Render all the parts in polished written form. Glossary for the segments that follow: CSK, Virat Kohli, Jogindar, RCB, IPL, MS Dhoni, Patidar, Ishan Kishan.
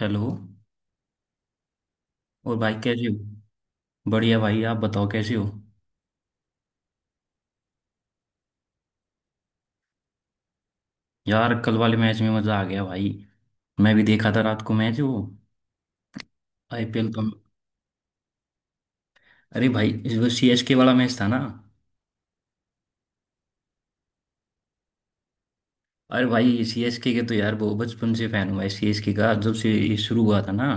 Hello. और भाई कैसे हो। बढ़िया भाई, आप बताओ कैसे हो। यार कल वाले मैच में मज़ा आ गया भाई। मैं भी देखा था रात को, मैच वो आईपीएल का। अरे भाई, वो सीएसके वाला मैच था ना। अरे भाई, सीएसके के तो यार बहुत बचपन से फ़ैन हूँ भाई। सीएसके का जब से ये शुरू हुआ था ना,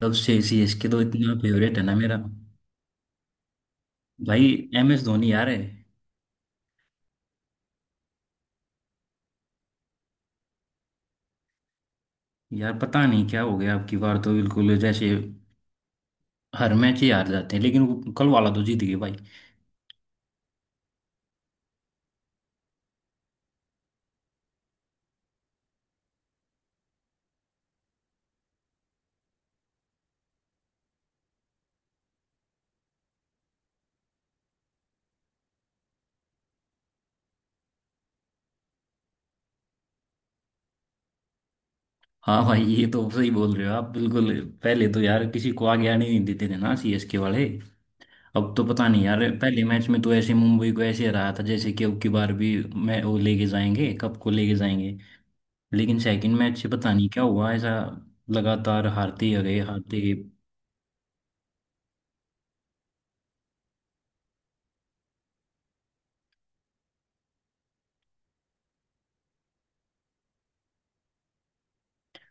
तब से सीएसके तो इतना फेवरेट है ना मेरा। भाई एम एस धोनी यार है। यार पता नहीं क्या हो गया, आपकी बार तो बिल्कुल जैसे हर मैच ही हार जाते हैं, लेकिन वो कल वाला तो जीत गए भाई। हाँ भाई, ये तो सही बोल रहे हो आप बिल्कुल। पहले तो यार किसी को आगे आने नहीं देते थे ना सीएसके वाले। अब तो पता नहीं यार, पहले मैच में तो ऐसे मुंबई को ऐसे रहा था जैसे कि अब की बार भी मैं वो लेके जाएंगे, कप को लेके जाएंगे। लेकिन सेकंड मैच से पता नहीं क्या हुआ ऐसा, लगातार हारते ही गए, हारते गए।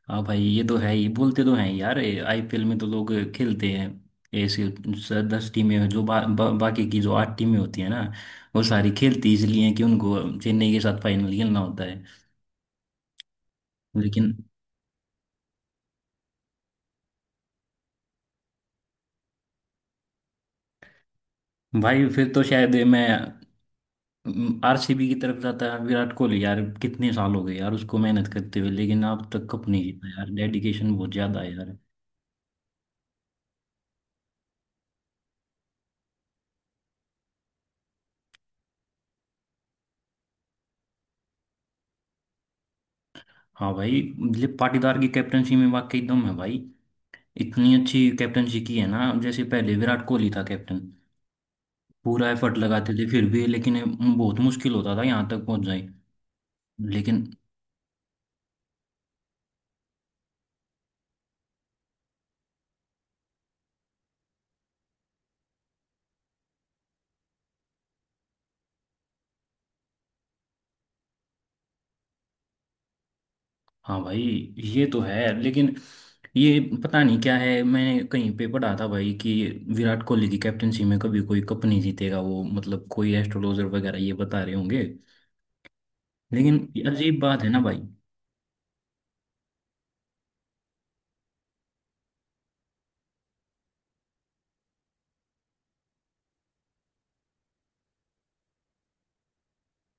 हाँ भाई, ये तो है ही, बोलते तो हैं यार आईपीएल में तो लोग खेलते हैं ऐसे दस टीमें, जो बा, बा, बाकी की जो 8 टीमें होती है ना, वो सारी खेलती इसलिए हैं कि उनको चेन्नई के साथ फाइनल खेलना होता है। लेकिन भाई फिर तो शायद मैं आरसीबी की तरफ जाता है। विराट कोहली यार, कितने साल हो गए यार उसको मेहनत करते हुए, लेकिन अब तक कप नहीं जीता यार। डेडिकेशन बहुत ज्यादा है यार। हाँ भाई, ये पाटीदार की कैप्टनसी में वाकई दम है भाई। इतनी अच्छी कैप्टनसी की है ना। जैसे पहले विराट कोहली था कैप्टन, पूरा एफर्ट लगाते थे फिर भी, लेकिन बहुत मुश्किल होता था यहाँ तक पहुंच जाए। लेकिन हाँ भाई, ये तो है लेकिन ये पता नहीं क्या है, मैंने कहीं पे पढ़ा था भाई कि विराट कोहली की कैप्टनसी में कभी कोई कप नहीं जीतेगा वो, मतलब कोई एस्ट्रोलॉजर वगैरह ये बता रहे होंगे। लेकिन ये अजीब बात है ना भाई।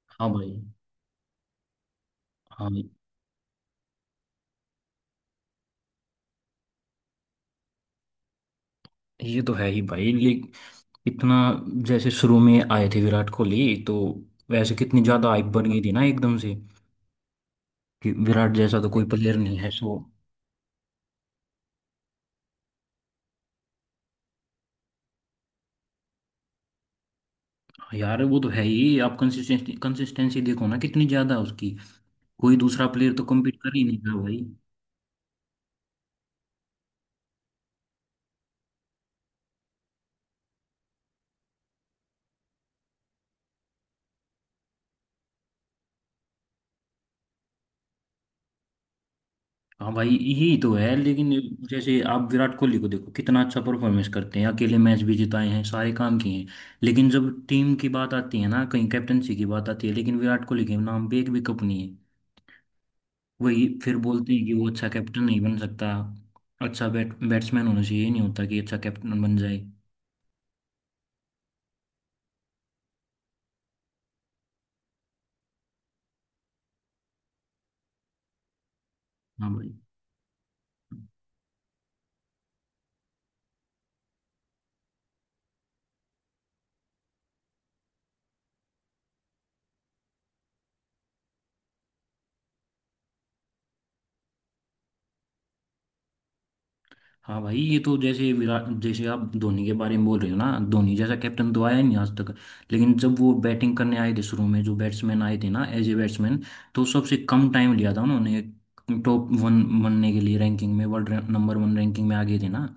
हाँ भाई। हाँ, ये तो है ही भाई ले, इतना जैसे शुरू में आए थे विराट कोहली, तो वैसे कितनी ज्यादा हाइप बन गई थी ना एकदम से कि विराट जैसा तो कोई प्लेयर नहीं है। सो यार वो तो है ही। आप कंसिस्टेंसी कंसिस्टेंसी देखो ना, कितनी ज्यादा उसकी, कोई दूसरा प्लेयर तो कम्पीट कर ही नहीं रहा भाई। हाँ भाई, यही तो है लेकिन। जैसे आप विराट कोहली को देखो, कितना अच्छा परफॉर्मेंस करते हैं, अकेले मैच भी जिताए हैं, सारे काम किए हैं, लेकिन जब टीम की बात आती है ना, कहीं कैप्टनसी की बात आती है, लेकिन विराट कोहली के नाम पे एक भी कप नहीं है। वही फिर बोलते हैं कि वो अच्छा कैप्टन नहीं बन सकता। अच्छा बैट्समैन होना चाहिए, ये नहीं होता कि अच्छा कैप्टन बन जाए। हाँ भाई। हाँ भाई, ये तो जैसे विराट, जैसे आप धोनी के बारे में बोल रहे हो ना, धोनी जैसा कैप्टन तो आया ही नहीं आज तक। लेकिन जब वो बैटिंग करने आए थे शुरू में, जो बैट्समैन आए थे ना, एज ए बैट्समैन, तो सबसे कम टाइम लिया था उन्होंने टॉप वन बनने के लिए। रैंकिंग में वर्ल्ड नंबर वन रैंकिंग में आ गए थे ना,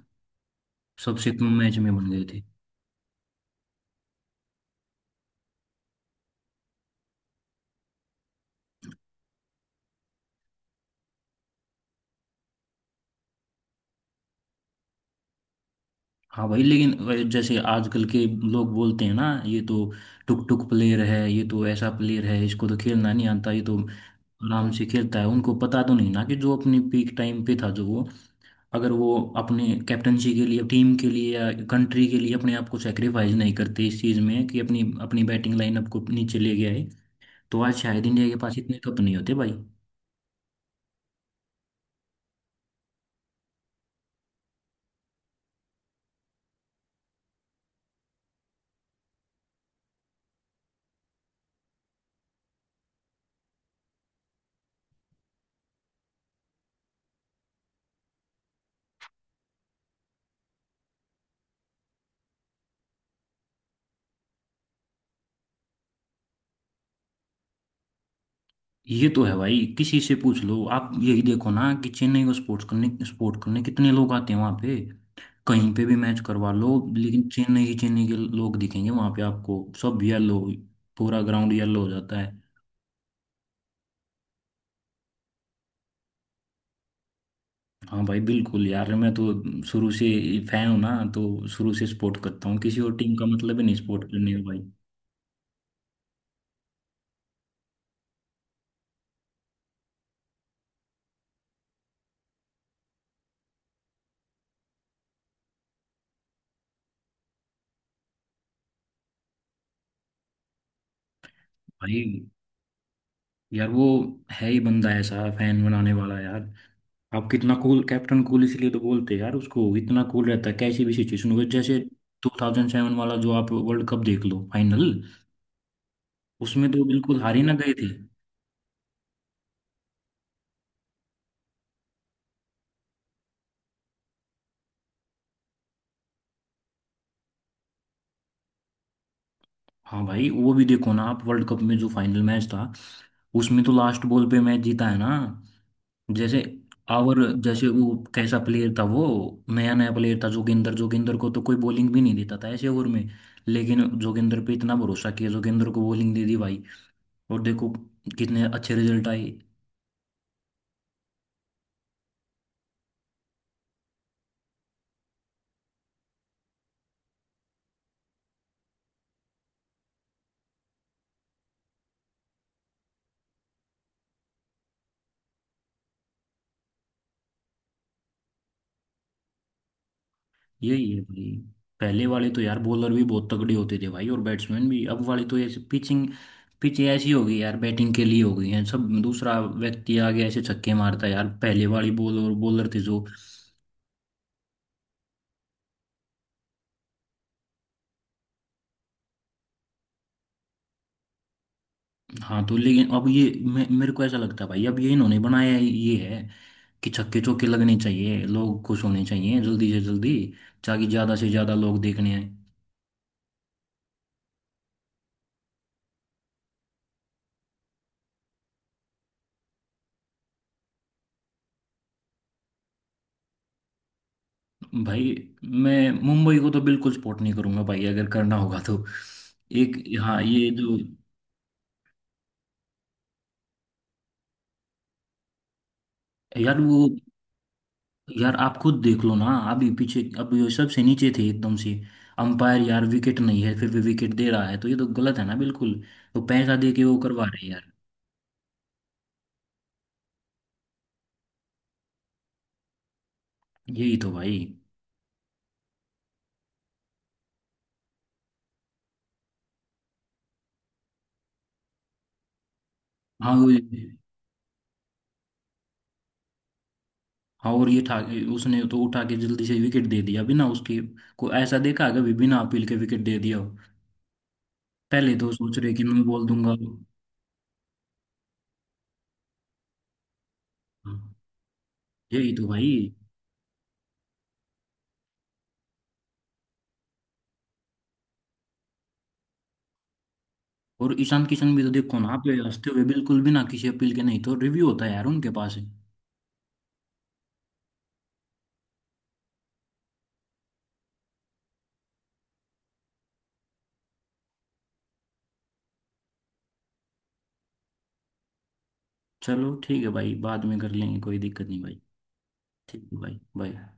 सबसे कम मैच में बन गए थे। हाँ भाई लेकिन जैसे आजकल के लोग बोलते हैं ना, ये तो टुक टुक प्लेयर है, ये तो ऐसा प्लेयर है, इसको तो खेलना नहीं आता, ये तो आराम से खेलता है। उनको पता तो नहीं ना कि जो अपनी पीक टाइम पे था जो वो, अगर वो अपने कैप्टनसी के लिए, टीम के लिए या कंट्री के लिए अपने आप को सेक्रीफाइस नहीं करते इस चीज़ में कि अपनी अपनी बैटिंग लाइनअप को नीचे ले गया है, तो आज शायद इंडिया के पास इतने कप नहीं होते भाई। ये तो है भाई, किसी से पूछ लो आप। यही देखो ना कि चेन्नई को सपोर्ट करने कितने लोग आते हैं वहां पे। कहीं पे भी मैच करवा लो, लेकिन चेन्नई ही चेन्नई के लोग दिखेंगे वहां पे आपको। सब येलो, पूरा ग्राउंड येलो हो जाता है। हाँ भाई, बिल्कुल यार। मैं तो शुरू से फैन हूँ ना, तो शुरू से सपोर्ट करता हूँ, किसी और टीम का मतलब ही नहीं सपोर्ट करने का भाई। भाई यार वो है ही बंदा ऐसा फैन बनाने वाला यार। आप कितना कूल, कैप्टन कूल इसलिए तो बोलते हैं यार उसको, इतना कूल रहता है कैसी भी सिचुएशन हो। जैसे 2007 वाला जो आप वर्ल्ड कप देख लो फाइनल, उसमें तो बिल्कुल हार ही ना गए थे। हाँ भाई, वो भी देखो ना आप, वर्ल्ड कप में जो फाइनल मैच था, उसमें तो लास्ट बॉल पे मैच जीता है ना, जैसे। और जैसे वो कैसा प्लेयर था वो, नया नया प्लेयर था जोगिंदर जोगिंदर को तो कोई बॉलिंग भी नहीं देता था ऐसे ओवर में, लेकिन जोगिंदर पे इतना भरोसा किया, जोगिंदर को बॉलिंग दे दी भाई। और देखो कितने अच्छे रिजल्ट आए। यही है भाई। पहले वाले तो यार बॉलर भी बहुत तगड़े होते थे भाई, और बैट्समैन भी। अब वाले तो ऐसे पिच ऐसी हो गई यार, बैटिंग के लिए हो गई है सब, दूसरा व्यक्ति आ गया ऐसे छक्के मारता है यार। पहले वाली बॉल और बॉलर थे जो। हाँ तो लेकिन अब ये मेरे को ऐसा लगता है भाई, अब ये इन्होंने बनाया है, ये है कि छक्के चौके लगने चाहिए, लोग खुश होने चाहिए जल्दी से जल्दी, ताकि ज्यादा से ज्यादा लोग देखने आए। भाई, मैं मुंबई को तो बिल्कुल सपोर्ट नहीं करूंगा भाई। अगर करना होगा तो एक, हाँ ये जो, यार वो। यार आप खुद देख लो ना, अभी पीछे अब ये सबसे नीचे थे एकदम से। अंपायर यार विकेट नहीं है, फिर भी विकेट दे रहा है, तो ये तो गलत है ना बिल्कुल। तो पैसा दे के वो करवा रहे हैं यार। यही तो भाई। हाँ वो, हाँ और ये ठा उसने तो उठा के जल्दी से विकेट दे दिया बिना उसके को। ऐसा देखा है कभी बिना अपील के विकेट दे दिया हो? पहले तो सोच रहे कि मैं बोल दूंगा। हाँ, यही तो भाई। और ईशान किशन भी तो देखो ना पे हंसते हुए बिल्कुल बिना किसी अपील के। नहीं तो रिव्यू होता है यार उनके पास है। चलो ठीक है भाई, बाद में कर लेंगे कोई दिक्कत नहीं भाई। ठीक है भाई, बाय।